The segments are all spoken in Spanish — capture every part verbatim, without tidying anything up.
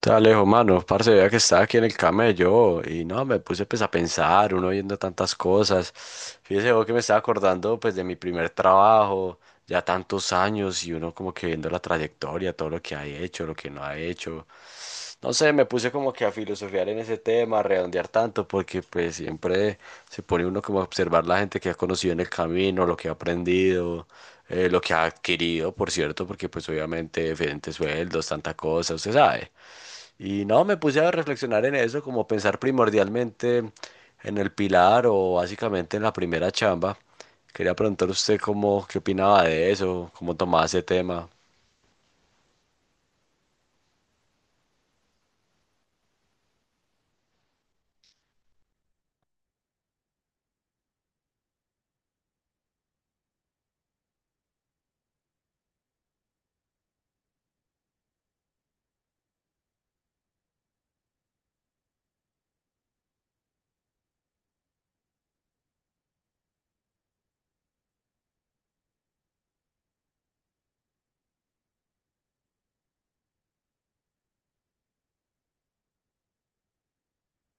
Te Alejo, mano, parce, vea que estaba aquí en el camello y no, me puse pues a pensar, uno viendo tantas cosas. Fíjese vos que me estaba acordando pues de mi primer trabajo, ya tantos años y uno como que viendo la trayectoria, todo lo que ha hecho, lo que no ha hecho. No sé, me puse como que a filosofiar en ese tema, a redondear tanto, porque pues siempre se pone uno como a observar la gente que ha conocido en el camino, lo que ha aprendido, eh, lo que ha adquirido, por cierto, porque pues obviamente diferentes sueldos, tanta cosa, usted sabe. Y no, me puse a reflexionar en eso, como pensar primordialmente en el pilar o básicamente en la primera chamba. Quería preguntar usted cómo, qué opinaba de eso, cómo tomaba ese tema.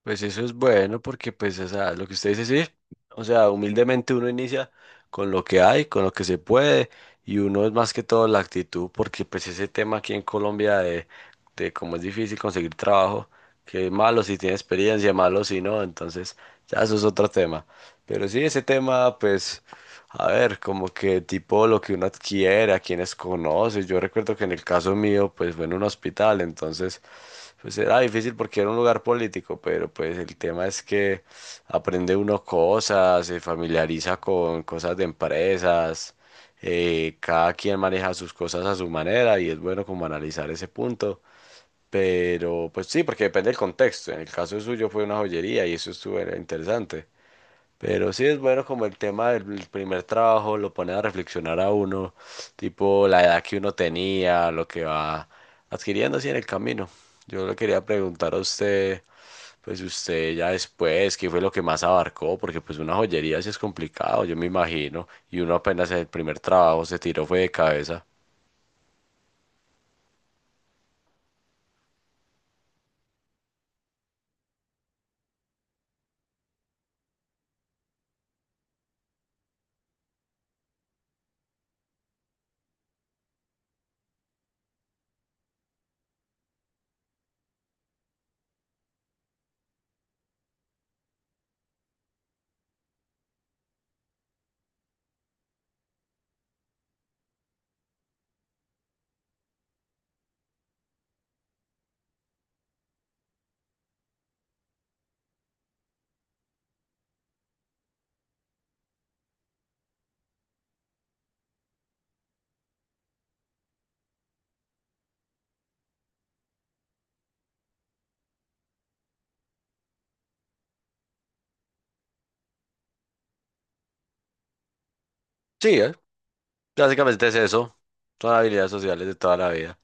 Pues eso es bueno porque, pues, o sea, lo que usted dice, sí, o sea, humildemente uno inicia con lo que hay, con lo que se puede, y uno es más que todo la actitud, porque pues ese tema aquí en Colombia de, de cómo es difícil conseguir trabajo, que es malo si tiene experiencia, malo si no, entonces ya eso es otro tema. Pero sí, ese tema, pues, a ver, como que tipo lo que uno adquiere, a quienes conoce. Yo recuerdo que en el caso mío, pues fue en un hospital, entonces, pues era difícil porque era un lugar político, pero pues el tema es que aprende uno cosas, se familiariza con cosas de empresas, eh, cada quien maneja sus cosas a su manera y es bueno como analizar ese punto. Pero pues sí, porque depende del contexto. En el caso suyo fue una joyería y eso estuvo era interesante. Pero sí es bueno como el tema del primer trabajo lo pone a reflexionar a uno, tipo la edad que uno tenía, lo que va adquiriendo así en el camino. Yo le quería preguntar a usted, pues usted ya después, ¿qué fue lo que más abarcó? Porque pues una joyería sí es complicado, yo me imagino, y uno apenas en el primer trabajo se tiró fue de cabeza. Sí, ¿eh? Básicamente es eso, son habilidades sociales de toda la vida.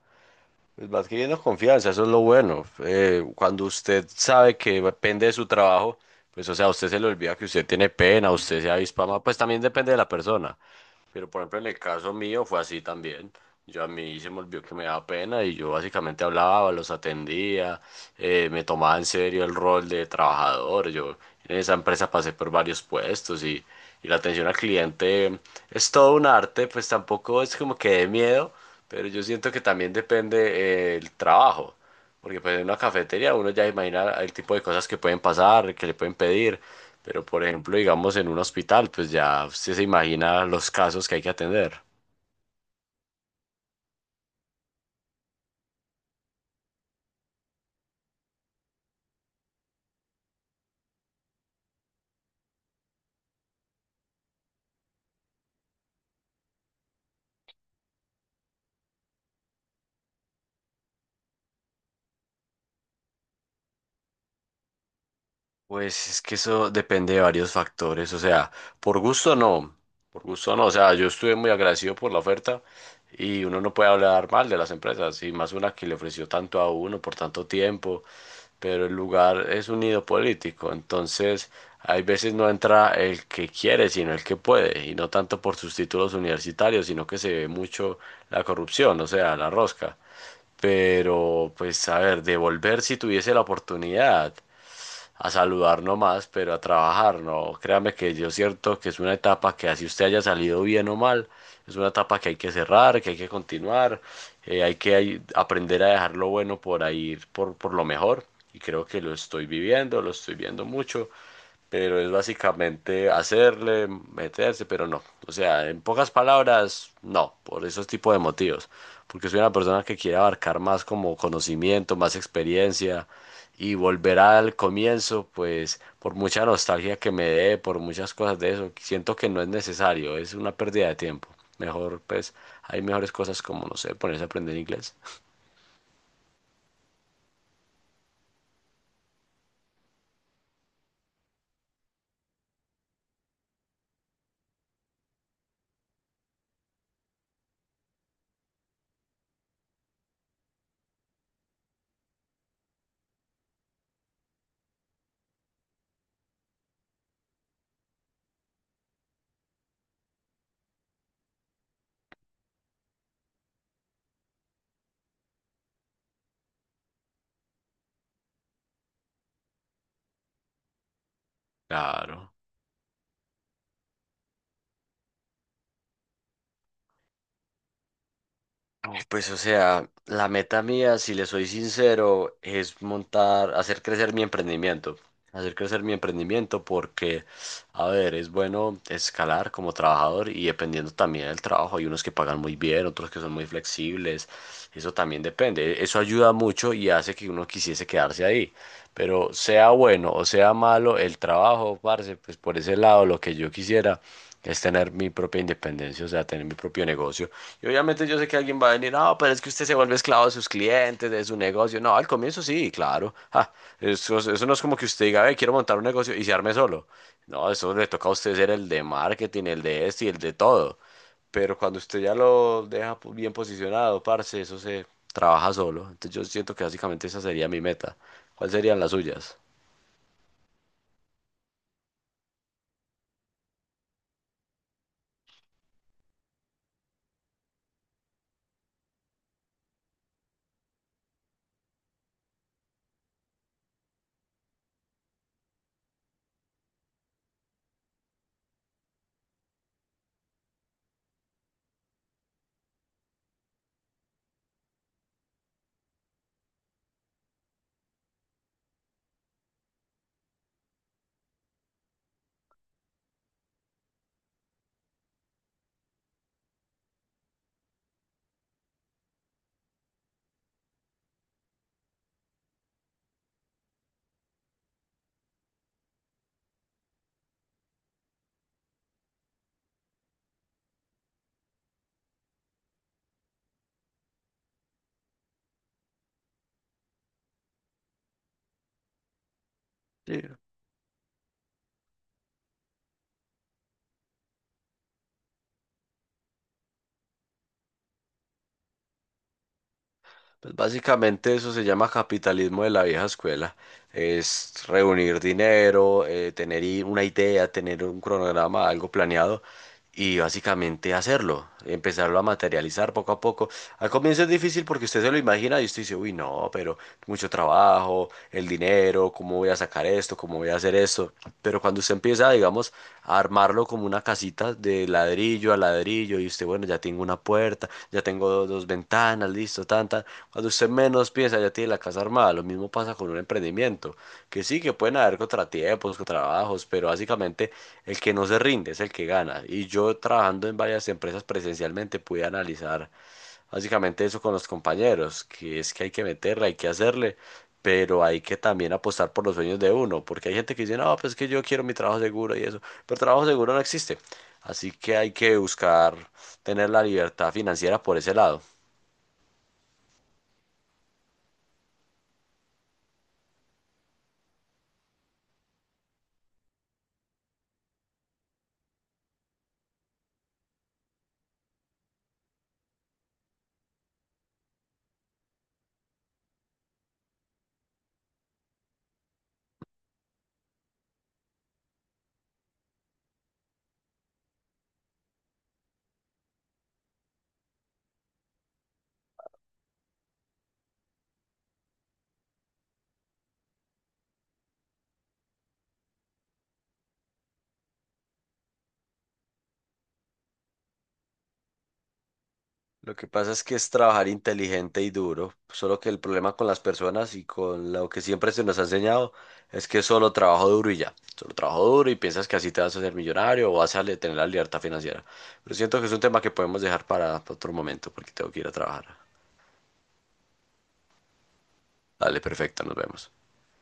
Pues vas adquiriendo confianza, eso es lo bueno. Eh, cuando usted sabe que depende de su trabajo, pues o sea, a usted se le olvida que usted tiene pena, usted sea avispama, pues también depende de la persona. Pero por ejemplo, en el caso mío fue así también. Yo a mí se me olvidó que me daba pena y yo básicamente hablaba, los atendía, eh, me tomaba en serio el rol de trabajador. Yo en esa empresa pasé por varios puestos y, y la atención al cliente es todo un arte, pues tampoco es como que de miedo, pero yo siento que también depende eh, el trabajo. Porque pues en una cafetería uno ya imagina el tipo de cosas que pueden pasar, que le pueden pedir. Pero por ejemplo, digamos en un hospital, pues ya usted se imagina los casos que hay que atender. Pues es que eso depende de varios factores, o sea, por gusto no, por gusto no, o sea, yo estuve muy agradecido por la oferta y uno no puede hablar mal de las empresas y más una que le ofreció tanto a uno por tanto tiempo, pero el lugar es un nido político, entonces hay veces no entra el que quiere, sino el que puede, y no tanto por sus títulos universitarios, sino que se ve mucho la corrupción, o sea, la rosca. Pero, pues, a ver, devolver si tuviese la oportunidad, a saludar nomás, pero a trabajar, no. Créame que yo cierto que es una etapa que así usted haya salido bien o mal, es una etapa que hay que cerrar, que hay que continuar, eh, hay que ahí aprender a dejar lo bueno por ahí, por, por lo mejor. Y creo que lo estoy viviendo, lo estoy viendo mucho pero es básicamente hacerle, meterse, pero no. O sea, en pocas palabras, no, por esos tipos de motivos. Porque soy una persona que quiere abarcar más como conocimiento, más experiencia y volver al comienzo, pues por mucha nostalgia que me dé, por muchas cosas de eso, siento que no es necesario, es una pérdida de tiempo. Mejor, pues, hay mejores cosas como, no sé, ponerse a aprender inglés. Claro. Uf, pues o sea, la meta mía, si le soy sincero, es montar, hacer crecer mi emprendimiento. Hacer crecer mi emprendimiento porque, a ver, es bueno escalar como trabajador y dependiendo también del trabajo. Hay unos que pagan muy bien, otros que son muy flexibles. Eso también depende. Eso ayuda mucho y hace que uno quisiese quedarse ahí. Pero sea bueno o sea malo el trabajo, parce, pues por ese lado lo que yo quisiera es tener mi propia independencia, o sea, tener mi propio negocio. Y obviamente yo sé que alguien va a venir, no, pero es que usted se vuelve esclavo de sus clientes, de su negocio. No, al comienzo sí, claro. Ja, eso, eso no es como que usted diga, "Ve, quiero montar un negocio y se arme solo". No, eso le toca a usted ser el de marketing, el de este y el de todo. Pero cuando usted ya lo deja pu- bien posicionado, parce, eso se trabaja solo. Entonces yo siento que básicamente esa sería mi meta. ¿Cuáles serían las suyas? Sí. Pues básicamente eso se llama capitalismo de la vieja escuela. Es reunir dinero, eh, tener i- una idea, tener un cronograma, algo planeado y básicamente hacerlo, empezarlo a materializar poco a poco. Al comienzo es difícil porque usted se lo imagina y usted dice, uy, no, pero mucho trabajo, el dinero pero cómo voy a sacar esto, cómo voy a hacer esto. Pero cuando usted empieza, digamos, a armarlo como una casita de ladrillo a ladrillo y usted, bueno, ya tengo una puerta, ya tengo do- dos, ventanas, listo, tanta. Cuando usted menos piensa, ya tiene la casa armada. Lo mismo pasa con un emprendimiento, que sí, que pueden haber contratiempos, contrabajos, pero básicamente el que no se rinde es el que gana. Y yo trabajando en varias empresas presencialmente pude analizar básicamente eso con los compañeros, que es que hay que meterla, hay que hacerle, pero hay que también apostar por los sueños de uno, porque hay gente que dice, no, pues es que yo quiero mi trabajo seguro y eso, pero trabajo seguro no existe, así que hay que buscar tener la libertad financiera por ese lado. Lo que pasa es que es trabajar inteligente y duro, solo que el problema con las personas y con lo que siempre se nos ha enseñado es que solo trabajo duro y ya, solo trabajo duro y piensas que así te vas a hacer millonario o vas a le- tener la libertad financiera. Pero siento que es un tema que podemos dejar para para otro momento porque tengo que ir a trabajar. Dale, perfecto, nos vemos.